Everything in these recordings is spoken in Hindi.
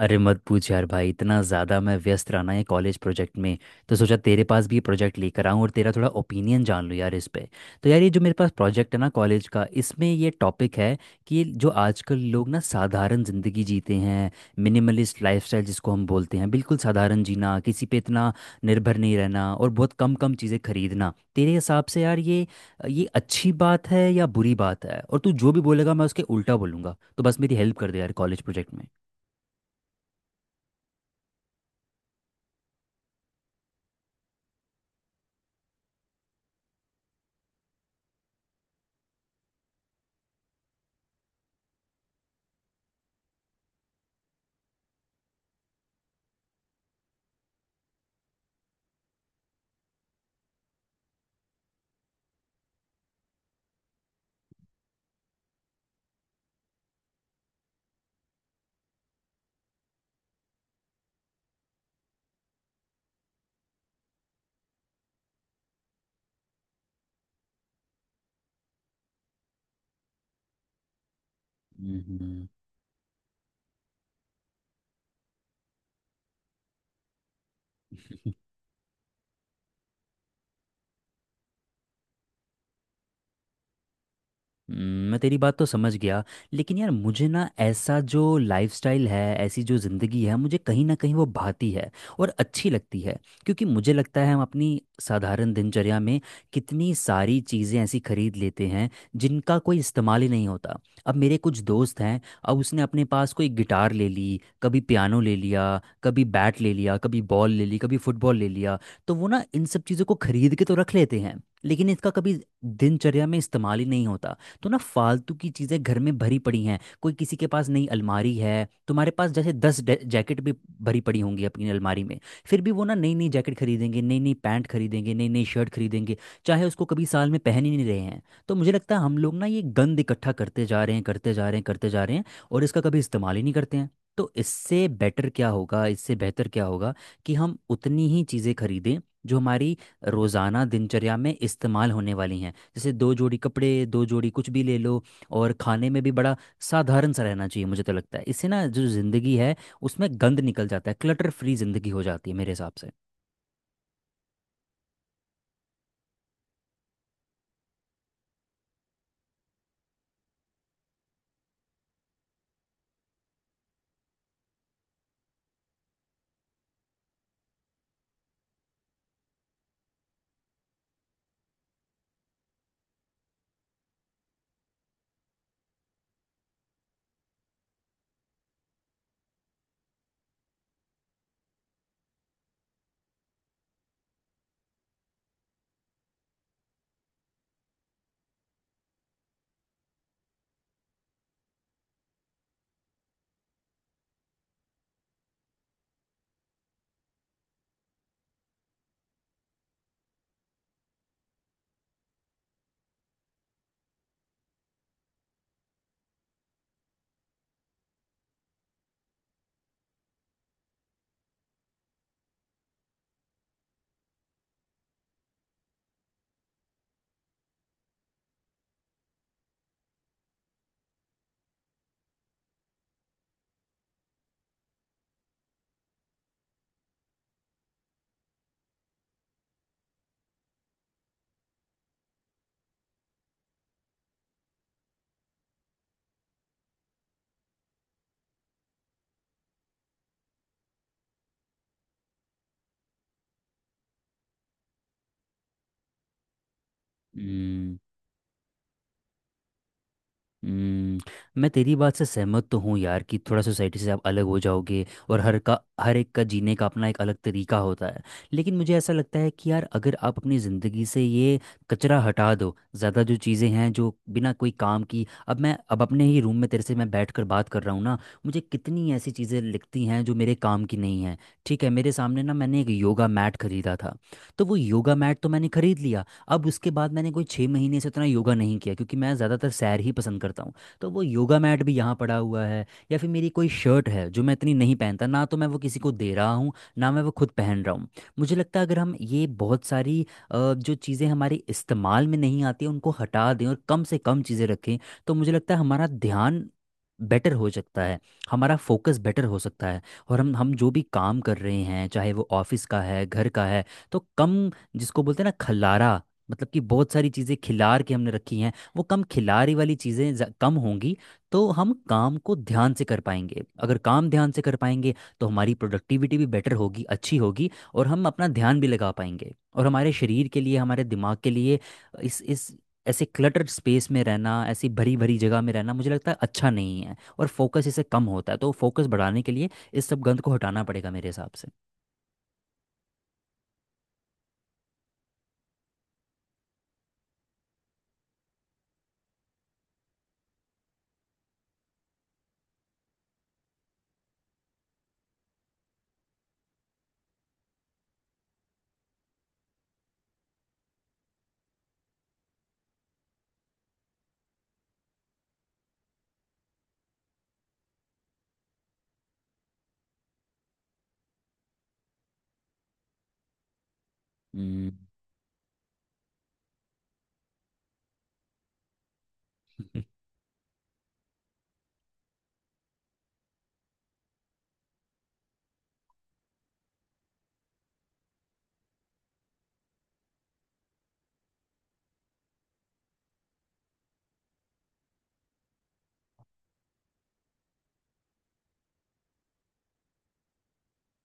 अरे मत पूछ यार भाई। इतना ज़्यादा मैं व्यस्त रहा ना ये कॉलेज प्रोजेक्ट में। तो सोचा तेरे पास भी ये प्रोजेक्ट लेकर आऊँ और तेरा थोड़ा ओपिनियन जान लूँ यार इस पे। तो यार ये जो मेरे पास प्रोजेक्ट है ना कॉलेज का, इसमें ये टॉपिक है कि जो आजकल लोग ना साधारण ज़िंदगी जीते हैं। मिनिमलिस्ट लाइफस्टाइल जिसको हम बोलते हैं, बिल्कुल साधारण जीना, किसी पे इतना निर्भर नहीं रहना, और बहुत कम कम चीज़ें खरीदना। तेरे हिसाब से यार ये अच्छी बात है या बुरी बात है? और तू जो भी बोलेगा मैं उसके उल्टा बोलूँगा, तो बस मेरी हेल्प कर दे यार कॉलेज प्रोजेक्ट में। हम्म मैं तेरी बात तो समझ गया। लेकिन यार मुझे ना ऐसा जो लाइफस्टाइल है, ऐसी जो ज़िंदगी है, मुझे कहीं ना कहीं वो भाती है और अच्छी लगती है। क्योंकि मुझे लगता है हम अपनी साधारण दिनचर्या में कितनी सारी चीज़ें ऐसी खरीद लेते हैं जिनका कोई इस्तेमाल ही नहीं होता। अब मेरे कुछ दोस्त हैं, अब उसने अपने पास कोई गिटार ले ली, कभी पियानो ले लिया, कभी बैट ले लिया, कभी बॉल ले ली, कभी फुटबॉल ले लिया। तो वो ना इन सब चीज़ों को खरीद के तो रख लेते हैं लेकिन इसका कभी दिनचर्या में इस्तेमाल ही नहीं होता। तो ना फालतू की चीज़ें घर में भरी पड़ी हैं, कोई किसी के पास नई अलमारी है, तुम्हारे पास जैसे 10 जैकेट भी भरी पड़ी होंगी अपनी अलमारी में। फिर भी वो ना नई नई जैकेट खरीदेंगे, नई नई पैंट खरीदेंगे, नई नई शर्ट खरीदेंगे, चाहे उसको कभी साल में पहन ही नहीं रहे हैं। तो मुझे लगता है हम लोग ना ये गंद इकट्ठा करते जा रहे हैं करते जा रहे हैं करते जा रहे हैं, और इसका कभी इस्तेमाल ही नहीं करते हैं। तो इससे बेटर क्या होगा, इससे बेहतर क्या होगा कि हम उतनी ही चीज़ें खरीदें जो हमारी रोज़ाना दिनचर्या में इस्तेमाल होने वाली हैं? जैसे दो जोड़ी कपड़े, दो जोड़ी कुछ भी ले लो। और खाने में भी बड़ा साधारण सा रहना चाहिए। मुझे तो लगता है इससे ना जो ज़िंदगी है उसमें गंद निकल जाता है, क्लटर फ्री ज़िंदगी हो जाती है मेरे हिसाब से। हम्म हम्म, मैं तेरी बात से सहमत तो हूँ यार कि थोड़ा सोसाइटी से आप अलग हो जाओगे, और हर एक का जीने का अपना एक अलग तरीका होता है। लेकिन मुझे ऐसा लगता है कि यार अगर आप अपनी ज़िंदगी से ये कचरा हटा दो, ज़्यादा जो चीज़ें हैं जो बिना कोई काम की। अब मैं अब अपने ही रूम में तेरे से मैं बैठ कर बात कर रहा हूँ ना, मुझे कितनी ऐसी चीज़ें लिखती हैं जो मेरे काम की नहीं हैं। ठीक है, मेरे सामने ना मैंने एक योगा मैट खरीदा था, तो वो योगा मैट तो मैंने खरीद लिया। अब उसके बाद मैंने कोई 6 महीने से उतना योगा नहीं किया क्योंकि मैं ज़्यादातर सैर ही पसंद करता हूँ। तो वो योगा मैट भी यहाँ पड़ा हुआ है। या फिर मेरी कोई शर्ट है जो मैं इतनी नहीं पहनता ना, तो मैं वो किसी को दे रहा हूँ ना मैं वो खुद पहन रहा हूँ। मुझे लगता है अगर हम ये बहुत सारी जो चीज़ें हमारे इस्तेमाल में नहीं आती उनको हटा दें और कम से कम चीज़ें रखें, तो मुझे लगता है हमारा ध्यान बेटर हो सकता है, हमारा फोकस बेटर हो सकता है। और हम जो भी काम कर रहे हैं चाहे वो ऑफिस का है, घर का है, तो कम, जिसको बोलते हैं ना खल्लारा, मतलब कि बहुत सारी चीज़ें खिलार के हमने रखी हैं, वो कम खिलारी वाली चीज़ें कम होंगी। तो हम काम को ध्यान से कर पाएंगे, अगर काम ध्यान से कर पाएंगे तो हमारी प्रोडक्टिविटी भी बेटर होगी, अच्छी होगी, और हम अपना ध्यान भी लगा पाएंगे। और हमारे शरीर के लिए, हमारे दिमाग के लिए इस ऐसे क्लटर्ड स्पेस में रहना, ऐसी भरी भरी जगह में रहना मुझे लगता है अच्छा नहीं है, और फोकस इससे कम होता है। तो फोकस बढ़ाने के लिए इस सब गंद को हटाना पड़ेगा मेरे हिसाब से। हम्म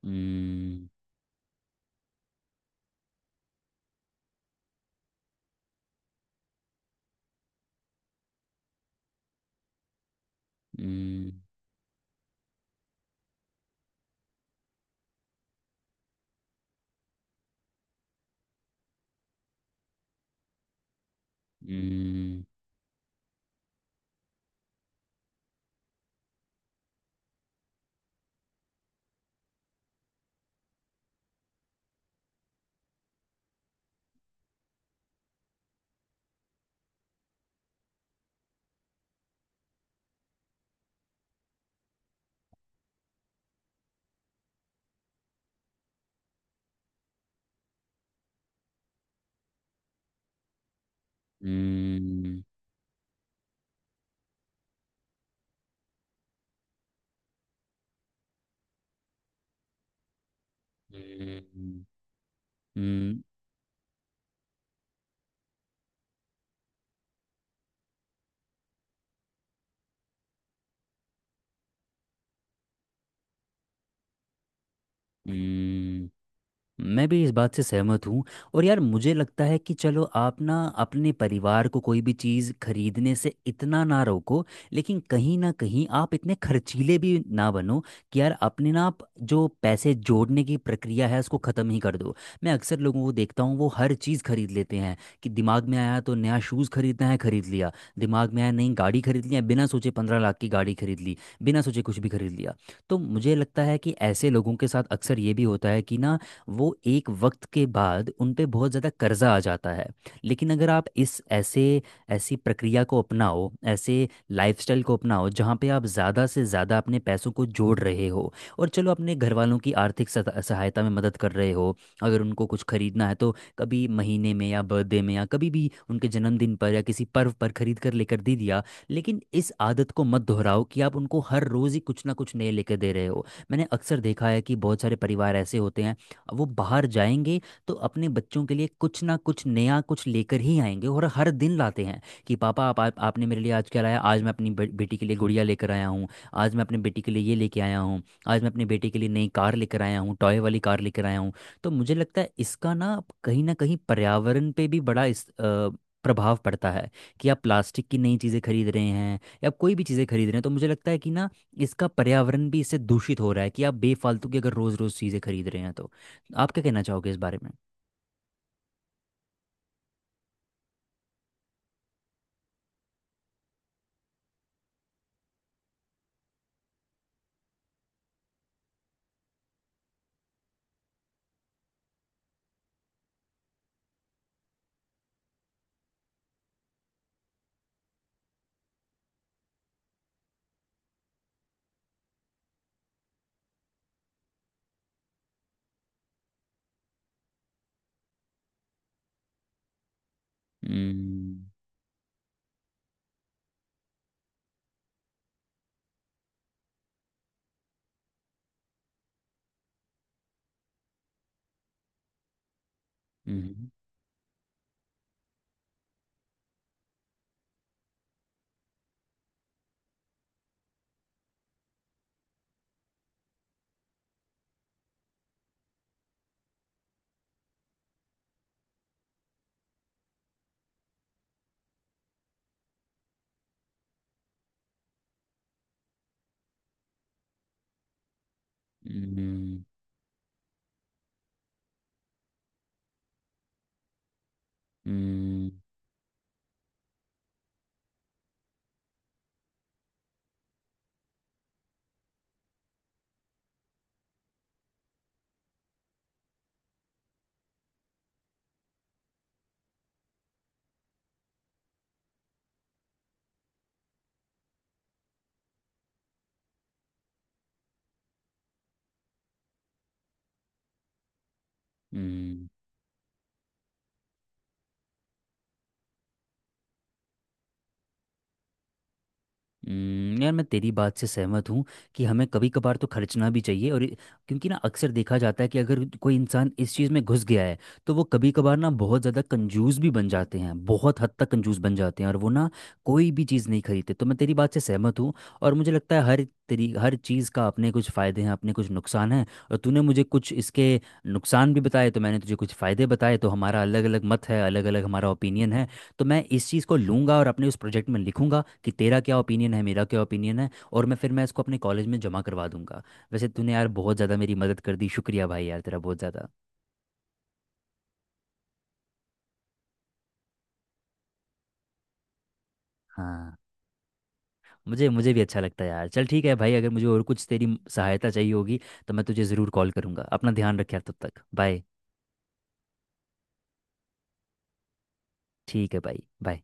हम्म हम्म हम्म, हम्म। हुआ हुआ हुआ हुआ हुआ। मैं भी इस बात से सहमत हूँ। और यार मुझे लगता है कि चलो आप ना अपने परिवार को कोई भी चीज़ खरीदने से इतना ना रोको, लेकिन कहीं ना कहीं आप इतने खर्चीले भी ना बनो कि यार अपने ना आप जो पैसे जोड़ने की प्रक्रिया है उसको ख़त्म ही कर दो। मैं अक्सर लोगों को देखता हूँ, वो हर चीज़ खरीद लेते हैं। कि दिमाग में आया तो नया शूज़ खरीदना है, खरीद लिया। दिमाग में आया नई गाड़ी खरीद लिया, बिना सोचे 15 लाख की गाड़ी खरीद ली, बिना सोचे कुछ भी खरीद लिया। तो मुझे लगता है कि ऐसे लोगों के साथ अक्सर ये भी होता है कि ना वो एक वक्त के बाद उन पे बहुत ज़्यादा कर्जा आ जाता है। लेकिन अगर आप इस ऐसे ऐसी प्रक्रिया को अपनाओ, ऐसे लाइफस्टाइल को अपनाओ जहाँ पे आप ज़्यादा से ज़्यादा अपने पैसों को जोड़ रहे हो, और चलो अपने घर वालों की आर्थिक सहायता में मदद कर रहे हो। अगर उनको कुछ खरीदना है तो कभी महीने में या बर्थडे में या कभी भी उनके जन्मदिन पर या किसी पर्व पर खरीद कर लेकर दे दिया, लेकिन इस आदत को मत दोहराओ कि आप उनको हर रोज़ ही कुछ ना कुछ नए लेकर दे रहे हो। मैंने अक्सर देखा है कि बहुत सारे परिवार ऐसे होते हैं, वो बाहर जाएंगे तो अपने बच्चों के लिए कुछ ना कुछ नया कुछ लेकर ही आएंगे, और हर दिन लाते हैं कि पापा आप आपने मेरे लिए आज क्या लाया। आज मैं अपनी बेटी के लिए गुड़िया लेकर आया हूँ। आज मैं अपने बेटी के लिए ये लेके आया हूँ। आज मैं अपने बेटे के लिए नई कार लेकर आया हूँ, टॉय वाली कार लेकर आया हूँ। तो मुझे लगता है इसका ना कहीं पर्यावरण पे भी बड़ा प्रभाव पड़ता है कि आप प्लास्टिक की नई चीज़ें खरीद रहे हैं या कोई भी चीज़ें खरीद रहे हैं, तो मुझे लगता है कि ना इसका पर्यावरण भी इससे दूषित हो रहा है कि आप बेफालतू की अगर रोज़ रोज़ चीज़ें खरीद रहे हैं तो। आप क्या कहना चाहोगे इस बारे में? हम्म हम्म हम्म हम्म हम्म, हम्म, यार मैं तेरी बात से सहमत हूँ कि हमें कभी कभार तो खर्चना भी चाहिए और क्योंकि ना अक्सर देखा जाता है कि अगर कोई इंसान इस चीज़ में घुस गया है तो वो कभी कभार ना बहुत ज़्यादा कंजूस भी बन जाते हैं, बहुत हद तक कंजूस बन जाते हैं, और वो ना कोई भी चीज़ नहीं खरीदते। तो मैं तेरी बात से सहमत हूँ। और मुझे लगता है हर चीज़ का अपने कुछ फ़ायदे हैं, अपने कुछ नुकसान हैं, और तूने मुझे कुछ इसके नुकसान भी बताए, तो मैंने तुझे कुछ फ़ायदे बताए, तो हमारा अलग अलग मत है, अलग अलग हमारा ओपिनियन है। तो मैं इस चीज़ को लूंगा और अपने उस प्रोजेक्ट में लिखूंगा कि तेरा क्या ओपिनियन है, मेरा क्या ओपिनियन है, और मैं फिर मैं इसको अपने कॉलेज में जमा करवा दूंगा। वैसे तूने यार बहुत ज़्यादा मेरी मदद कर दी, शुक्रिया भाई यार तेरा, बहुत ज़्यादा। हाँ, मुझे मुझे भी अच्छा लगता है यार। चल ठीक है भाई, अगर मुझे और कुछ तेरी सहायता चाहिए होगी तो मैं तुझे ज़रूर कॉल करूंगा। अपना ध्यान रख यार, तब तक बाय। ठीक है भाई, बाय।